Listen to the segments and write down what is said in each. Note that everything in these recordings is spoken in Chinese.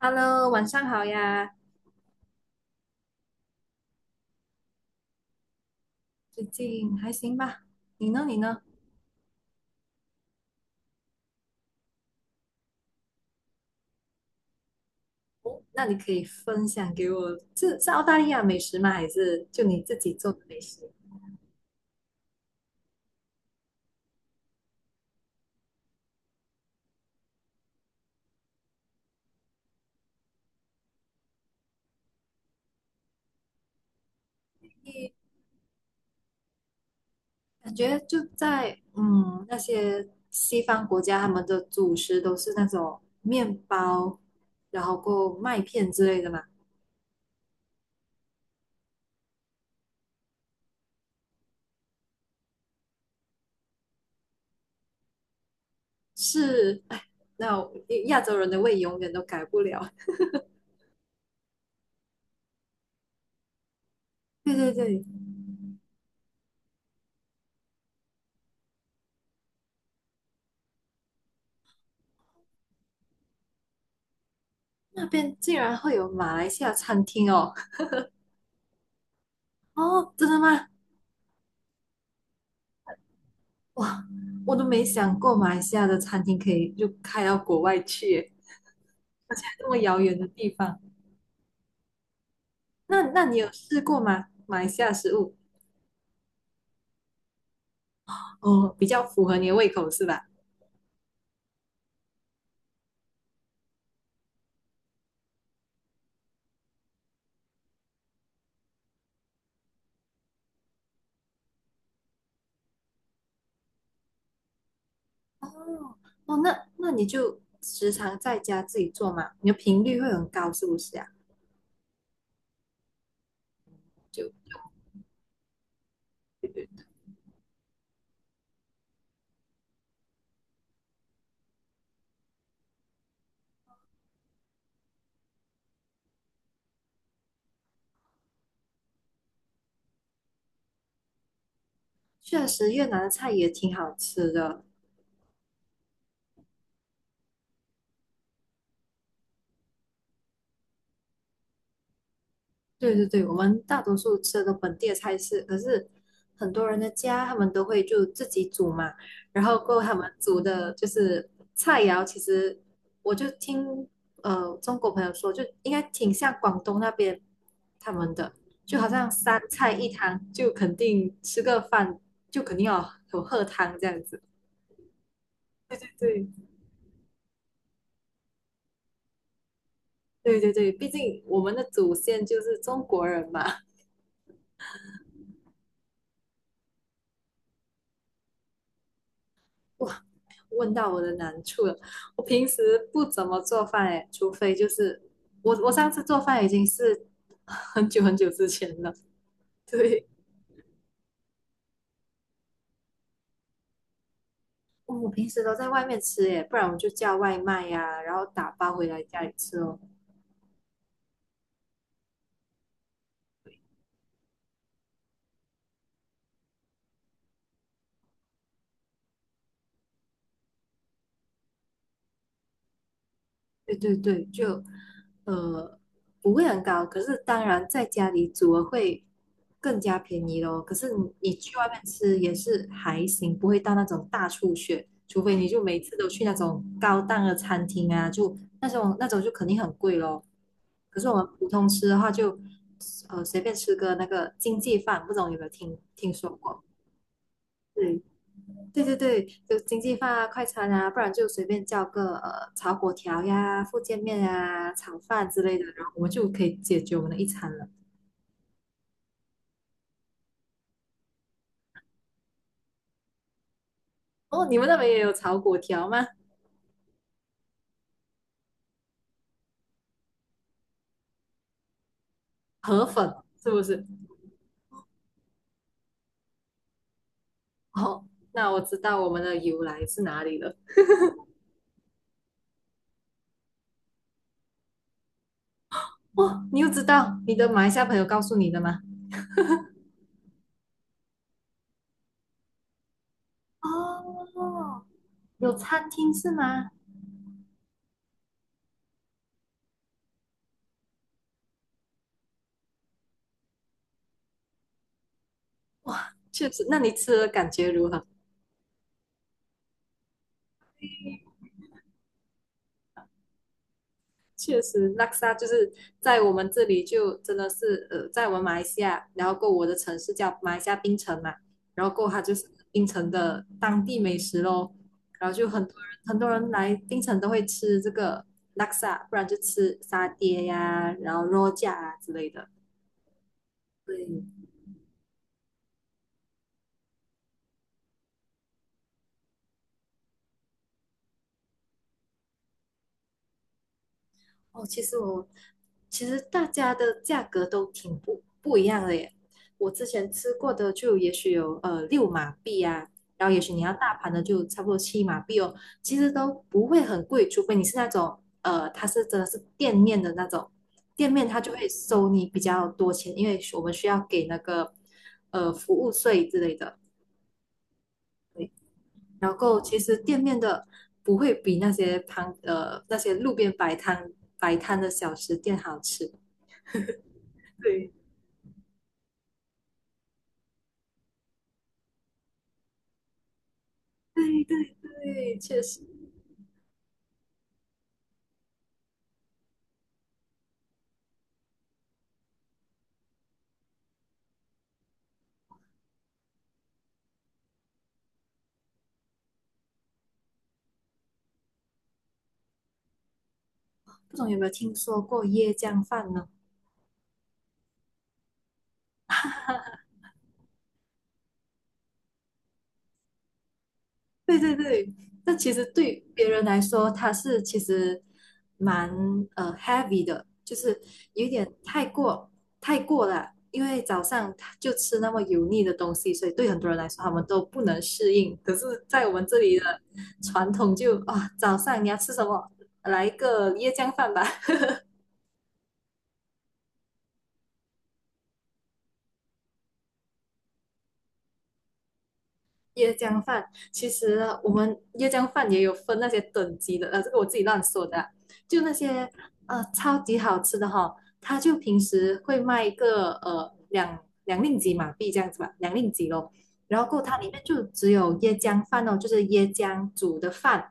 Hello，晚上好呀，最近还行吧？你呢？你呢？哦，那你可以分享给我，是澳大利亚美食吗？还是就你自己做的美食？你感觉就在那些西方国家，他们的主食都是那种面包，然后过麦片之类的嘛？是，哎，那我亚洲人的胃永远都改不了。对对对，那边竟然会有马来西亚餐厅哦！哦，真的吗？哇，我都没想过马来西亚的餐厅可以就开到国外去耶，而且还这么遥远的地方。那你有试过吗？马来西亚食物哦。比较符合你的胃口是吧？哦哦，那你就时常在家自己做嘛，你的频率会很高是不是啊？就确实越南的菜也挺好吃的，对对对，我们大多数吃的都本地的菜式，可是很多人的家他们都会就自己煮嘛，然后过后他们煮的就是菜肴，其实我就听中国朋友说，就应该挺像广东那边他们的，就好像三菜一汤，就肯定吃个饭就肯定要有喝汤这样子。对对对对对对，毕竟我们的祖先就是中国人嘛。问到我的难处了。我平时不怎么做饭诶，除非就是我上次做饭已经是很久很久之前了。对，我平时都在外面吃诶，不然我就叫外卖呀、然后打包回来家里吃哦。对对对，就呃不会很高，可是当然在家里煮了会更加便宜咯。可是你去外面吃也是还行，不会到那种大出血，除非你就每次都去那种高档的餐厅啊，就那种就肯定很贵咯。可是我们普通吃的话就，随便吃个那个经济饭，不知道有没有听说过？对，对对对，就经济饭啊、快餐啊，不然就随便叫个炒粿条呀、福建面啊、炒饭之类的，然后我们就可以解决我们的一餐了。哦，你们那边也有炒粿条吗？河粉是不是？哦，那我知道我们的由来是哪里了。哦，你又知道你的马来西亚朋友告诉你的吗？哦，有餐厅是吗？哇，确实，那你吃的感觉如何？确实，拉萨就是在我们这里就真的是，在我们马来西亚，然后过我的城市叫马来西亚槟城嘛，然后过它就是槟城的当地美食咯，然后就很多人很多人来槟城都会吃这个拉萨，不然就吃沙爹呀，然后肉夹啊之类的。对，哦，其实大家的价格都挺不一样的耶。我之前吃过的就也许有6马币啊，然后也许你要大盘的就差不多7马币哦，其实都不会很贵，除非你是那种它是真的是店面的那种，店面它就会收你比较多钱，因为我们需要给那个服务税之类的。然后其实店面的不会比那些路边摆摊的小食店好吃。对对对对，确实，不懂有没有听说过椰浆饭呢？对对对，那其实对别人来说，它是其实蛮heavy 的，就是有点太过了，因为早上他就吃那么油腻的东西，所以对很多人来说，他们都不能适应。可是，在我们这里的传统就啊，早上你要吃什么？来一个椰浆饭吧。椰浆饭，其实我们椰浆饭也有分那些等级的，这个我自己乱说的啊就那些超级好吃的哈、它就平时会卖一个两令吉马币这样子吧，两令吉咯，然后过后它里面就只有椰浆饭哦，就是椰浆煮的饭，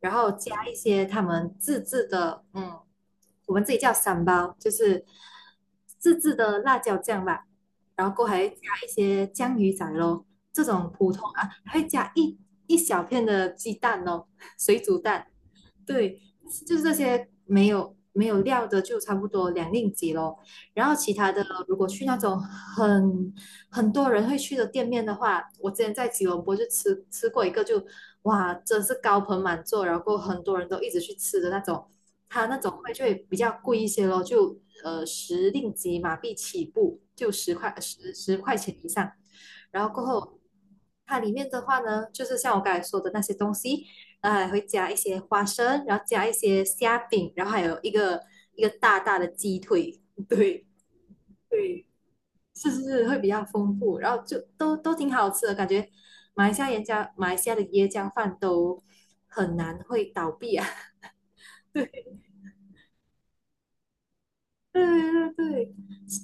然后加一些他们自制的，我们自己叫三包，就是自制的辣椒酱吧。然后过后还加一些酱鱼仔咯，这种普通啊，还会加一小片的鸡蛋哦，水煮蛋，对，就是这些没有料的，就差不多两令吉咯。然后其他的，如果去那种很多人会去的店面的话，我之前在吉隆坡就吃过一个就，哇，真是高朋满座，然后很多人都一直去吃的那种，它那种会就会比较贵一些咯，就10令吉马币起步，就十块钱以上，然后过后。它里面的话呢，就是像我刚才说的那些东西，然后还会加一些花生，然后加一些虾饼，然后还有一个大大的鸡腿，对对，是是是，会比较丰富，然后就都挺好吃的，感觉马来西亚人家马来西亚的椰浆饭都很难会倒闭啊，对对对对，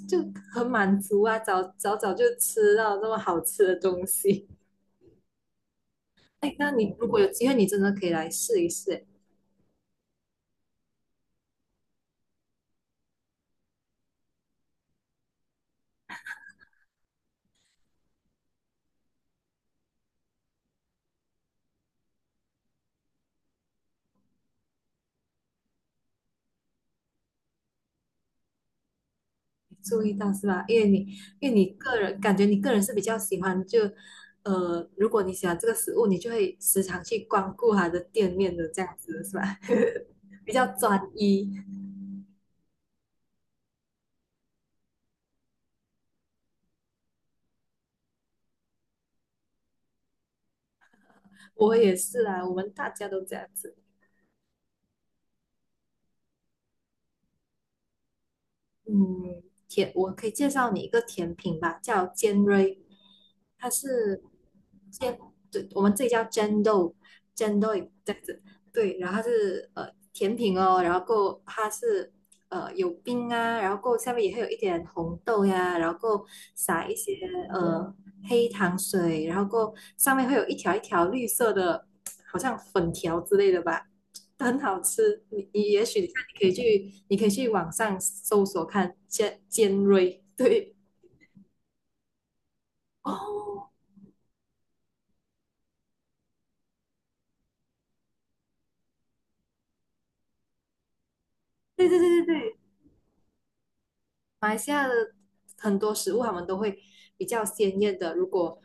就很满足啊，早早早就吃到这么好吃的东西。哎，那你如果有机会，你真的可以来试一试。注意到是吧？因为你个人感觉你个人是比较喜欢如果你喜欢这个食物，你就会时常去光顾它的店面的这样子是吧？比较专一，我也是啊，我们大家都这样子。嗯，我可以介绍你一个甜品吧，叫尖锐，它是尖，对，我们这里叫尖豆，这样子，对，然后它是甜品哦，然后够它是有冰啊，然后够下面也会有一点红豆呀，然后够撒一些呃黑糖水，然后够上面会有一条一条绿色的，好像粉条之类的吧，很好吃。你也许你看，你可以去网上搜索看尖锐，对，哦，对对对对对，马来西亚的很多食物他们都会比较鲜艳的。如果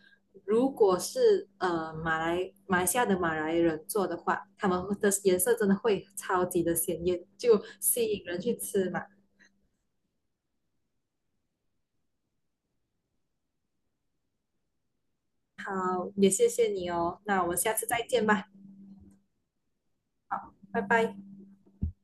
如果是马来西亚的马来人做的话，他们的颜色真的会超级的鲜艳，就吸引人去吃嘛。好，也谢谢你哦，那我们下次再见吧，拜拜。